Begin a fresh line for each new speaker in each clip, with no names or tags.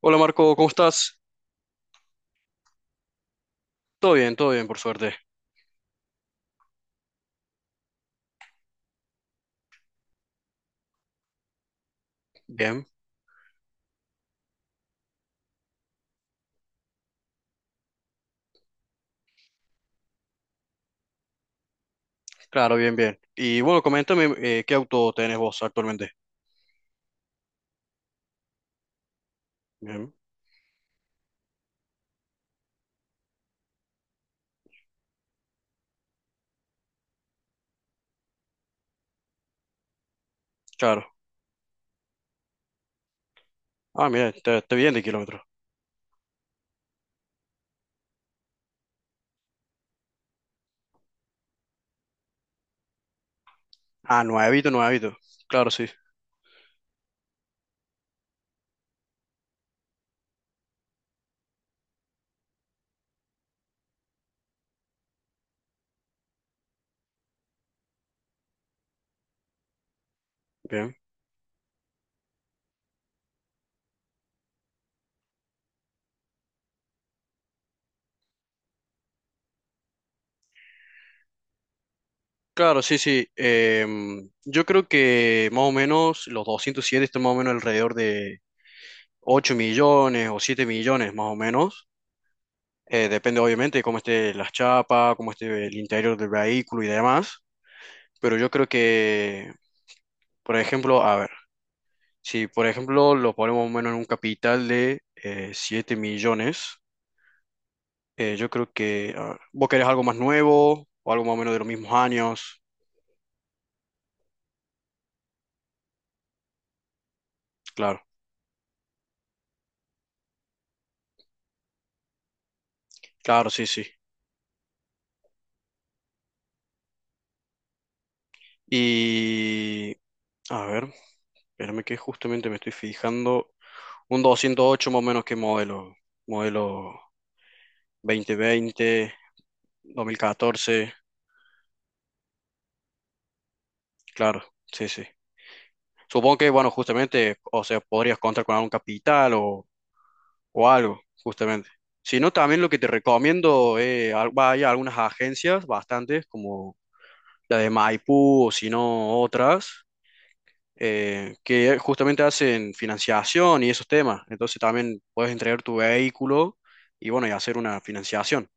Hola Marco, ¿cómo estás? Todo bien, por suerte. Bien, claro, bien, bien. Y bueno, coméntame qué auto tenés vos actualmente. Bien, claro. Ah, mira, te bien de kilómetros. Ah, nuevito, nuevito. Claro, sí, bien. Claro, sí, sí. Yo creo que más o menos los 207 están más o menos alrededor de 8 millones o 7 millones más o menos. Depende obviamente de cómo esté las chapas, cómo esté el interior del vehículo y demás. Pero yo creo que, por ejemplo, a ver. Si, por ejemplo, lo ponemos más o menos en un capital de 7 millones, yo creo que a vos querés algo más nuevo o algo más o menos de los mismos años. Claro, claro, sí, sí. Y, a ver, espérame que justamente me estoy fijando. Un 208 más o menos que modelo. Modelo 2020 2014. Claro, sí, sí. Supongo que, bueno, justamente, o sea, podrías contar con algún capital o algo, justamente. Si no, también lo que te recomiendo es vaya a algunas agencias, bastantes, como la de Maipú o si no otras, que justamente hacen financiación y esos temas. Entonces también puedes entregar tu vehículo y bueno, y hacer una financiación.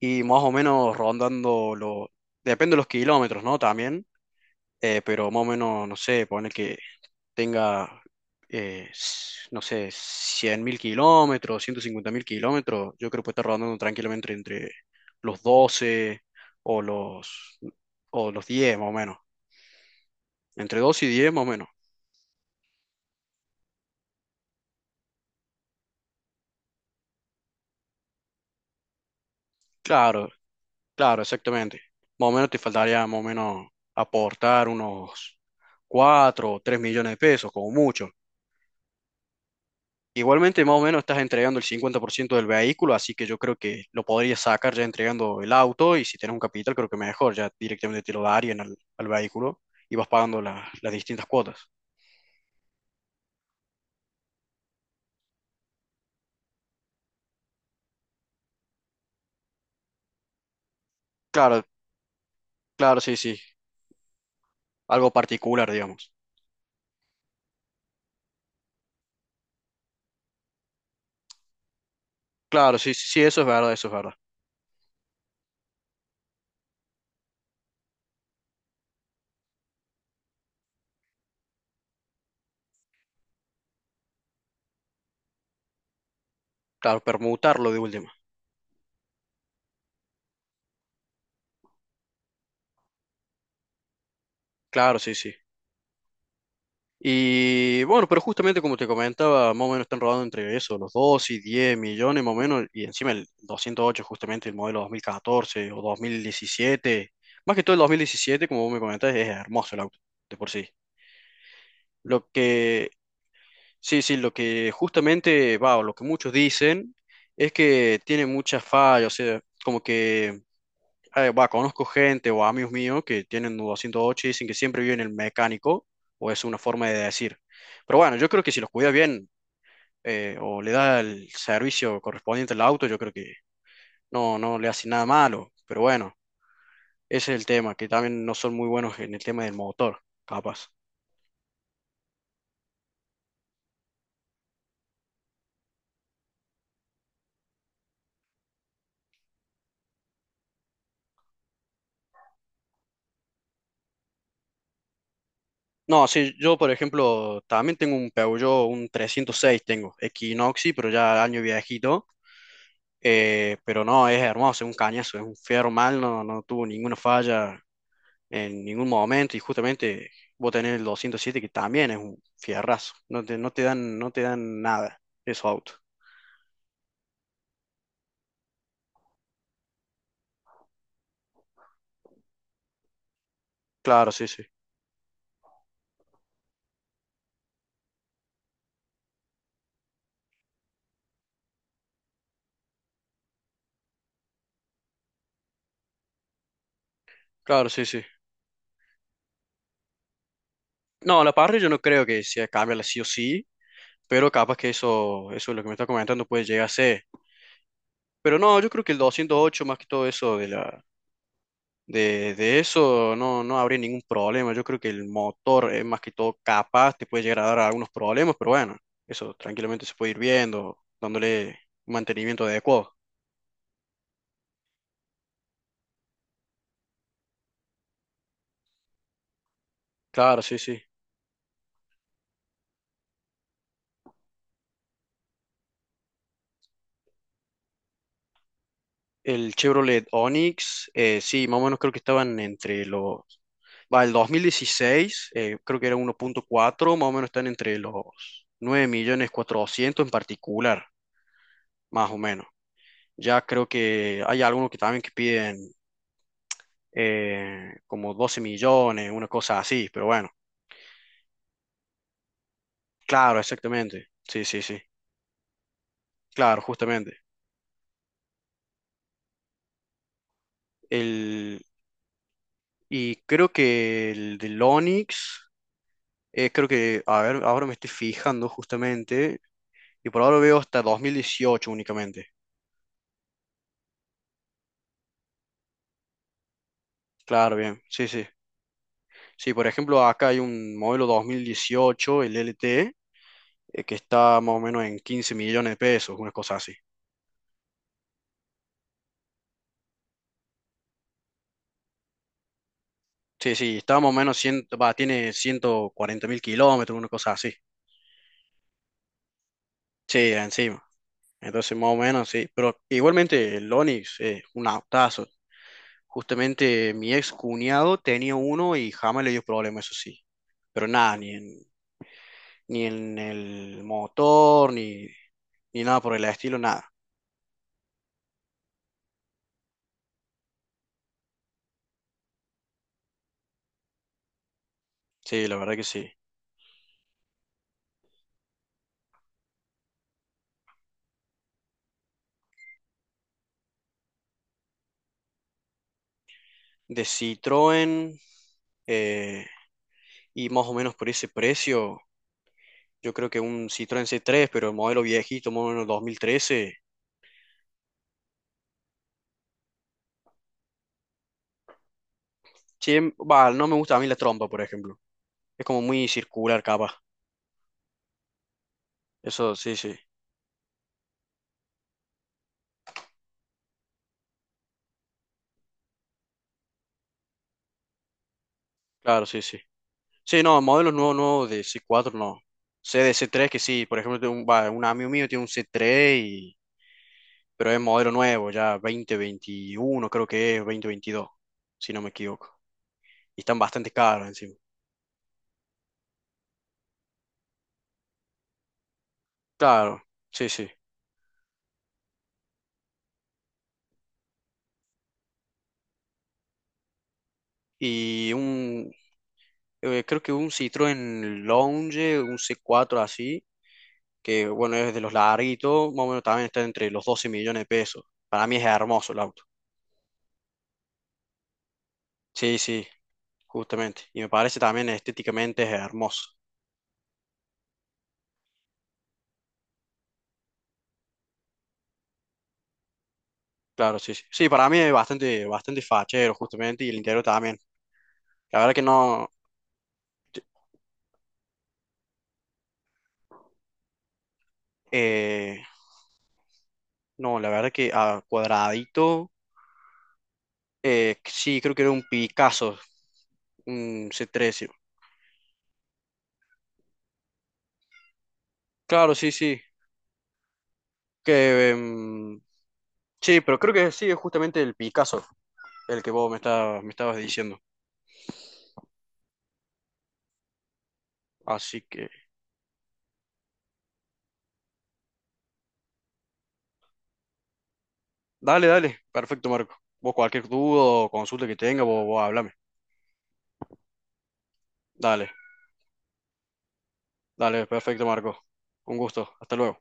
Y más o menos rondando depende de los kilómetros, ¿no? También, pero más o menos, no sé, poner que tenga, no sé, 100.000 kilómetros, 150.000 kilómetros, yo creo que puede estar rondando tranquilamente entre los 12 o los, o los 10 más o menos. Entre 12 y 10 más o menos. Claro, claro, exactamente. Más o menos te faltaría más o menos aportar unos 4 o 3 millones de pesos, como mucho. Igualmente, más o menos estás entregando el 50% del vehículo, así que yo creo que lo podrías sacar ya entregando el auto y si tienes un capital, creo que mejor, ya directamente te lo darían al vehículo y vas pagando las distintas cuotas. Claro, claro, sí, sí, algo particular, digamos. Claro, sí, sí, sí, eso es verdad, eso es verdad. Claro, permutarlo de última. Claro, sí, sí. Y bueno, pero justamente como te comentaba, más o menos están rodando entre eso, los 2 y 10 millones más o menos, y encima el 208 justamente el modelo 2014 o 2017, más que todo el 2017 como vos me comentás, es hermoso el auto, de por sí. Lo que, sí, sí, lo que justamente va, o lo que muchos dicen, es que tiene muchas fallas, o sea, como que, va, conozco gente o amigos míos que tienen 208 y dicen que siempre viven en el mecánico, o es una forma de decir. Pero bueno, yo creo que si los cuida bien, o le da el servicio correspondiente al auto, yo creo que no, no le hace nada malo, pero bueno. Ese es el tema, que también no son muy buenos en el tema del motor, capaz. No, sí, yo por ejemplo también tengo un Peugeot, un 306 tengo, Equinoxi, pero ya año viejito, pero no, es hermoso, es un cañazo, es un fierro mal, no, no tuvo ninguna falla en ningún momento y justamente vos tenés el 207 que también es un fierrazo, no te dan nada esos autos. Claro, sí, sí, claro, sí, sí. No, la parrilla yo no creo que sea cambiarla sí o sí, pero capaz que eso es lo que me está comentando puede llegar a ser. Pero no, yo creo que el 208 más que todo eso de la de eso no, no habría ningún problema. Yo creo que el motor es más que todo capaz, te puede llegar a dar algunos problemas, pero bueno, eso tranquilamente se puede ir viendo, dándole un mantenimiento adecuado. Claro, sí, sí. El Chevrolet Onix, sí, más o menos creo que estaban entre los. Va, el 2016, creo que era 1.4, más o menos están entre los 9.400.000 en particular, más o menos. Ya creo que hay algunos que también que piden como 12 millones, una cosa así, pero bueno. Claro, exactamente. Sí, sí, sí. Claro, justamente. El, y creo que el del Onix, creo que, a ver, ahora me estoy fijando justamente, y por ahora veo hasta 2018 únicamente. Claro, bien, sí, sí. Sí, por ejemplo, acá hay un modelo 2018 el LT, que está más o menos en 15 millones de pesos, una cosa así. Sí, sí, está más o menos, 100 va, tiene 140.000 kilómetros, una cosa así. Sí, encima. Entonces, más o menos, sí. Pero igualmente, el Onix es un autazo. Justamente mi ex cuñado tenía uno y jamás le dio problema, eso sí. Pero nada, ni en el motor, ni nada por el estilo, nada. Sí, la verdad que sí. De Citroën, eh, y más o menos por ese precio. Yo creo que un Citroën c tres pero el modelo viejito, modelo 2013. Sí, va, no me gusta a mí la trompa, por ejemplo. Es como muy circular, capaz. Eso, sí, sí. Claro, sí, sí. Sí, no, modelos nuevos, nuevos de c cuatro no. Sé de c tres que sí, por ejemplo, tengo un amigo mío tiene un c tres y. Pero es modelo nuevo, ya 2021 creo que es 2022 si no me equivoco. Y están bastante caros encima. Claro, sí, sí. Y creo que un Citroën Lounge, un c cuatro así, que bueno, es de los larguitos, más o menos también está entre los 12 millones de pesos. Para mí es hermoso el auto. Sí, sí, justamente. Y me parece también estéticamente es hermoso. Claro, sí, sí. Sí, para mí es bastante, bastante fachero, justamente, y el interior también. La verdad que no, eh, no, la verdad que a cuadradito, sí, creo que era un Picasso, un C13. Claro, sí, sí. Que, sí, pero creo que sí, es justamente el Picasso, el que vos me estabas diciendo. Así que, dale, dale. Perfecto, Marco. Vos cualquier duda o consulta que tenga, vos háblame. Dale, dale, perfecto, Marco. Un gusto. Hasta luego.